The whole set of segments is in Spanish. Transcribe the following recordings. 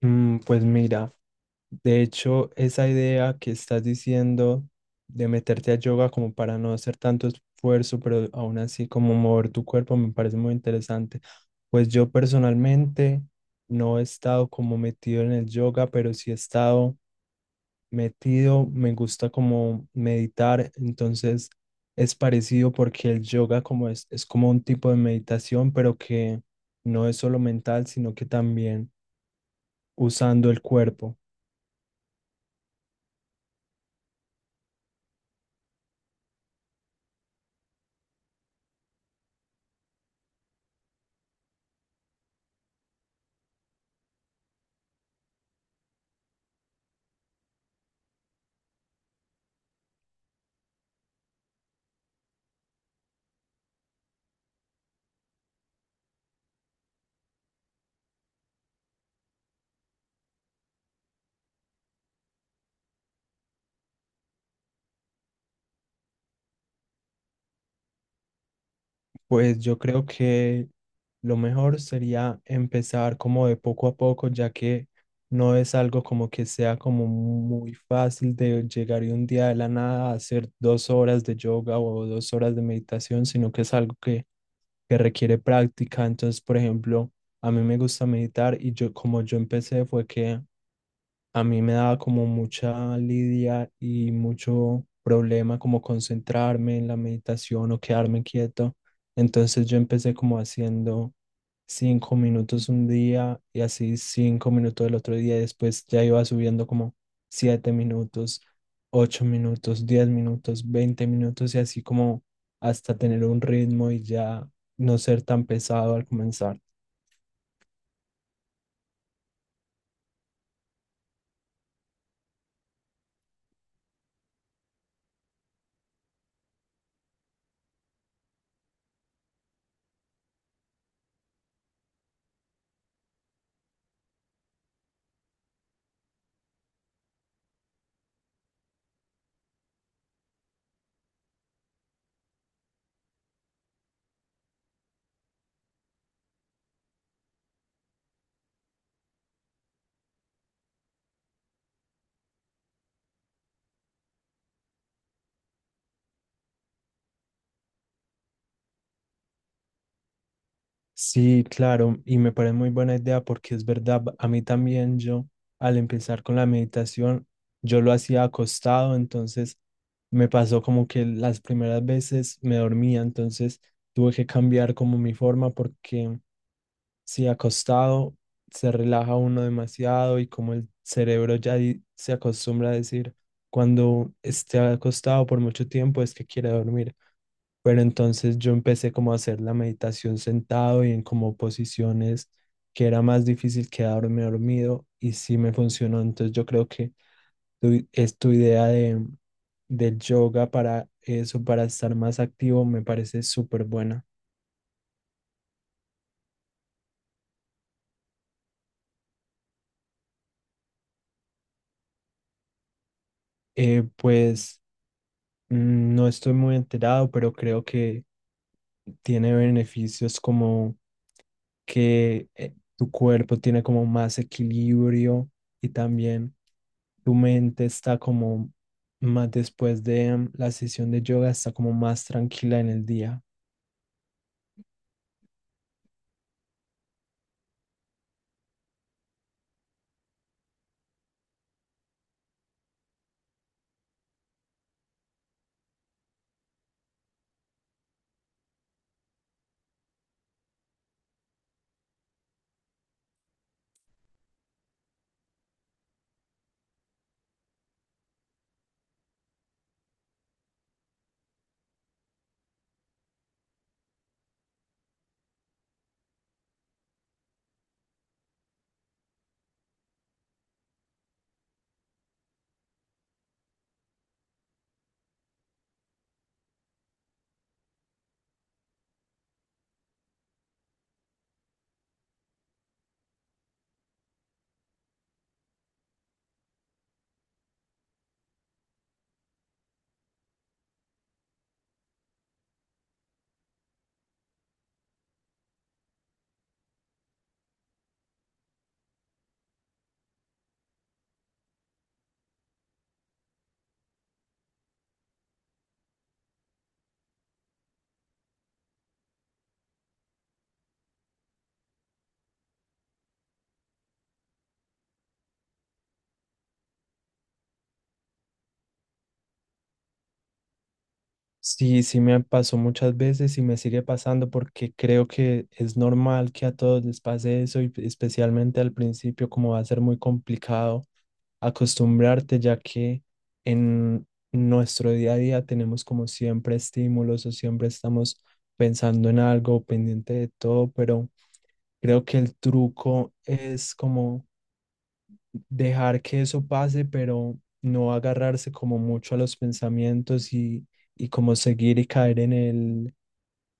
Pues mira, de hecho, esa idea que estás diciendo de meterte a yoga como para no hacer tanto esfuerzo, pero aún así como mover tu cuerpo me parece muy interesante. Pues yo personalmente no he estado como metido en el yoga, pero sí he estado metido, me gusta como meditar, entonces es parecido porque el yoga como es como un tipo de meditación, pero que no es solo mental, sino que también usando el cuerpo. Pues yo creo que lo mejor sería empezar como de poco a poco, ya que no es algo como que sea como muy fácil de llegar y un día de la nada a hacer dos horas de yoga o dos horas de meditación, sino que es algo que requiere práctica. Entonces, por ejemplo, a mí me gusta meditar y yo como yo empecé fue que a mí me daba como mucha lidia y mucho problema como concentrarme en la meditación o quedarme quieto. Entonces yo empecé como haciendo cinco minutos un día y así cinco minutos el otro día y después ya iba subiendo como siete minutos, ocho minutos, diez minutos, veinte minutos y así como hasta tener un ritmo y ya no ser tan pesado al comenzar. Sí, claro, y me parece muy buena idea porque es verdad, a mí también yo al empezar con la meditación, yo lo hacía acostado, entonces me pasó como que las primeras veces me dormía, entonces tuve que cambiar como mi forma porque si acostado se relaja uno demasiado y como el cerebro ya se acostumbra a decir cuando esté acostado por mucho tiempo es que quiere dormir. Pero entonces yo empecé como a hacer la meditación sentado y en como posiciones que era más difícil quedarme dormido y sí me funcionó. Entonces yo creo que es tu idea del yoga para eso, para estar más activo, me parece súper buena. Eh, pues No estoy muy enterado, pero creo que tiene beneficios como que tu cuerpo tiene como más equilibrio y también tu mente está como más después de la sesión de yoga, está como más tranquila en el día. Sí, me pasó muchas veces y me sigue pasando porque creo que es normal que a todos les pase eso y especialmente al principio como va a ser muy complicado acostumbrarte, ya que en nuestro día a día tenemos como siempre estímulos o siempre estamos pensando en algo, pendiente de todo, pero creo que el truco es como dejar que eso pase, pero no agarrarse como mucho a los pensamientos y como seguir y caer en el,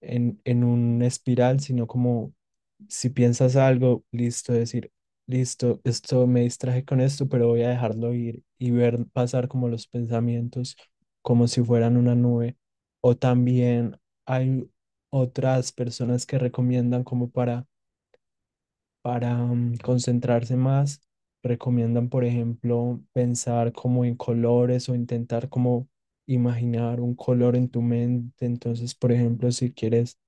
en, en un espiral, sino como si piensas algo, listo, decir, listo, esto me distraje con esto, pero voy a dejarlo ir y ver pasar como los pensamientos como si fueran una nube. O también hay otras personas que recomiendan como para concentrarse más, recomiendan, por ejemplo, pensar como en colores o intentar como imaginar un color en tu mente. Entonces, por ejemplo, si quieres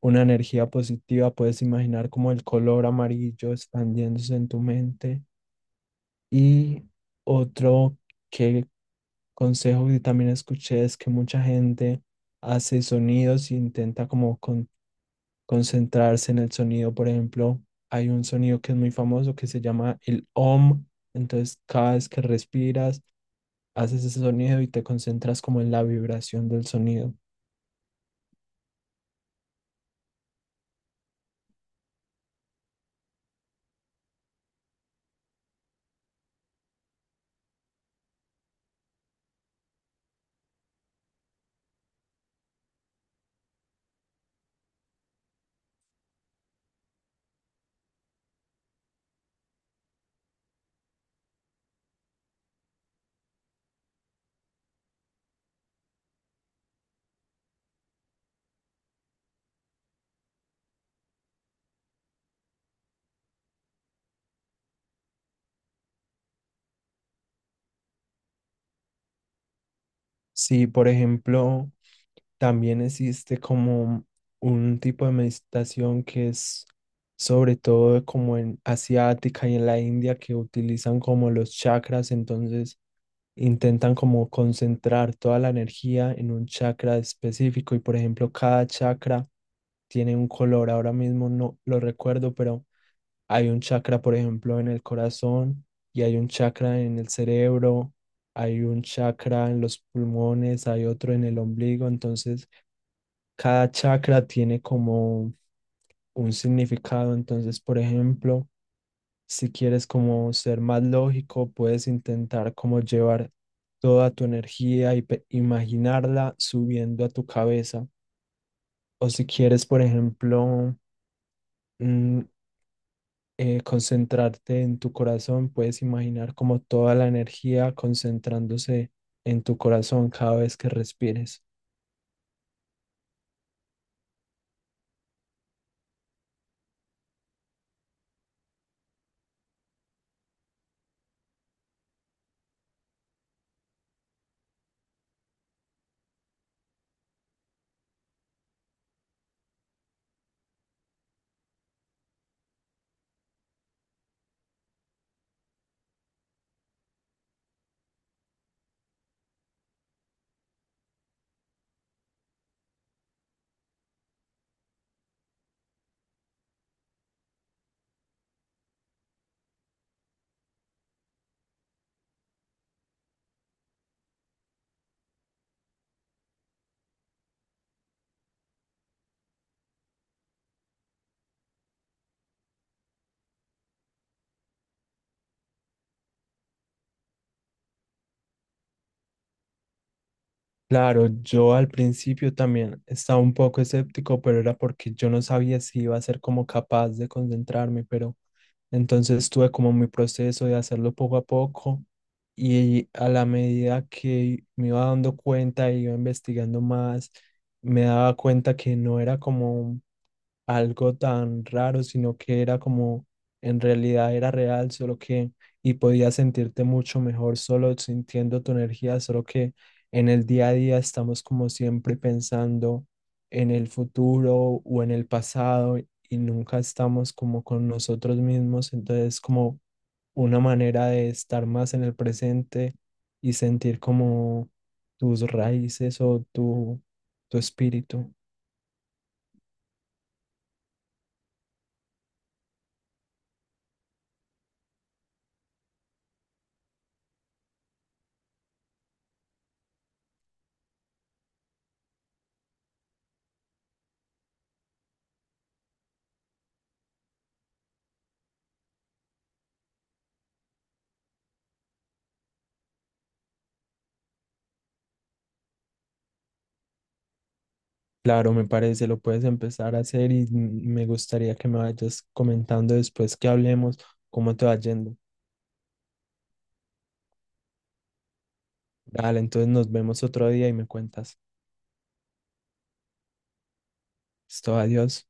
una energía positiva, puedes imaginar como el color amarillo expandiéndose en tu mente. Y otro que consejo que también escuché es que mucha gente hace sonidos e intenta como concentrarse en el sonido. Por ejemplo, hay un sonido que es muy famoso que se llama el OM. Entonces, cada vez que respiras, haces ese sonido y te concentras como en la vibración del sonido. Si, por ejemplo, también existe como un tipo de meditación que es sobre todo como en asiática y en la India que utilizan como los chakras, entonces intentan como concentrar toda la energía en un chakra específico y por ejemplo cada chakra tiene un color, ahora mismo no lo recuerdo, pero hay un chakra por ejemplo en el corazón y hay un chakra en el cerebro, hay un chakra en los pulmones, hay otro en el ombligo, entonces cada chakra tiene como un significado, entonces, por ejemplo, si quieres como ser más lógico, puedes intentar como llevar toda tu energía y imaginarla subiendo a tu cabeza. O si quieres, por ejemplo, mm, concentrarte en tu corazón, puedes imaginar como toda la energía concentrándose en tu corazón cada vez que respires. Claro, yo al principio también estaba un poco escéptico, pero era porque yo no sabía si iba a ser como capaz de concentrarme, pero... Entonces tuve como mi proceso de hacerlo poco a poco y a la medida que me iba dando cuenta y iba investigando más, me daba cuenta que no era como algo tan raro, sino que era como en realidad era real, solo que y podías sentirte mucho mejor solo sintiendo tu energía, solo que en el día a día estamos como siempre pensando en el futuro o en el pasado y nunca estamos como con nosotros mismos, entonces como una manera de estar más en el presente y sentir como tus raíces o tu espíritu. Claro, me parece, lo puedes empezar a hacer y me gustaría que me vayas comentando después que hablemos cómo te va yendo. Dale, entonces nos vemos otro día y me cuentas. Esto, adiós.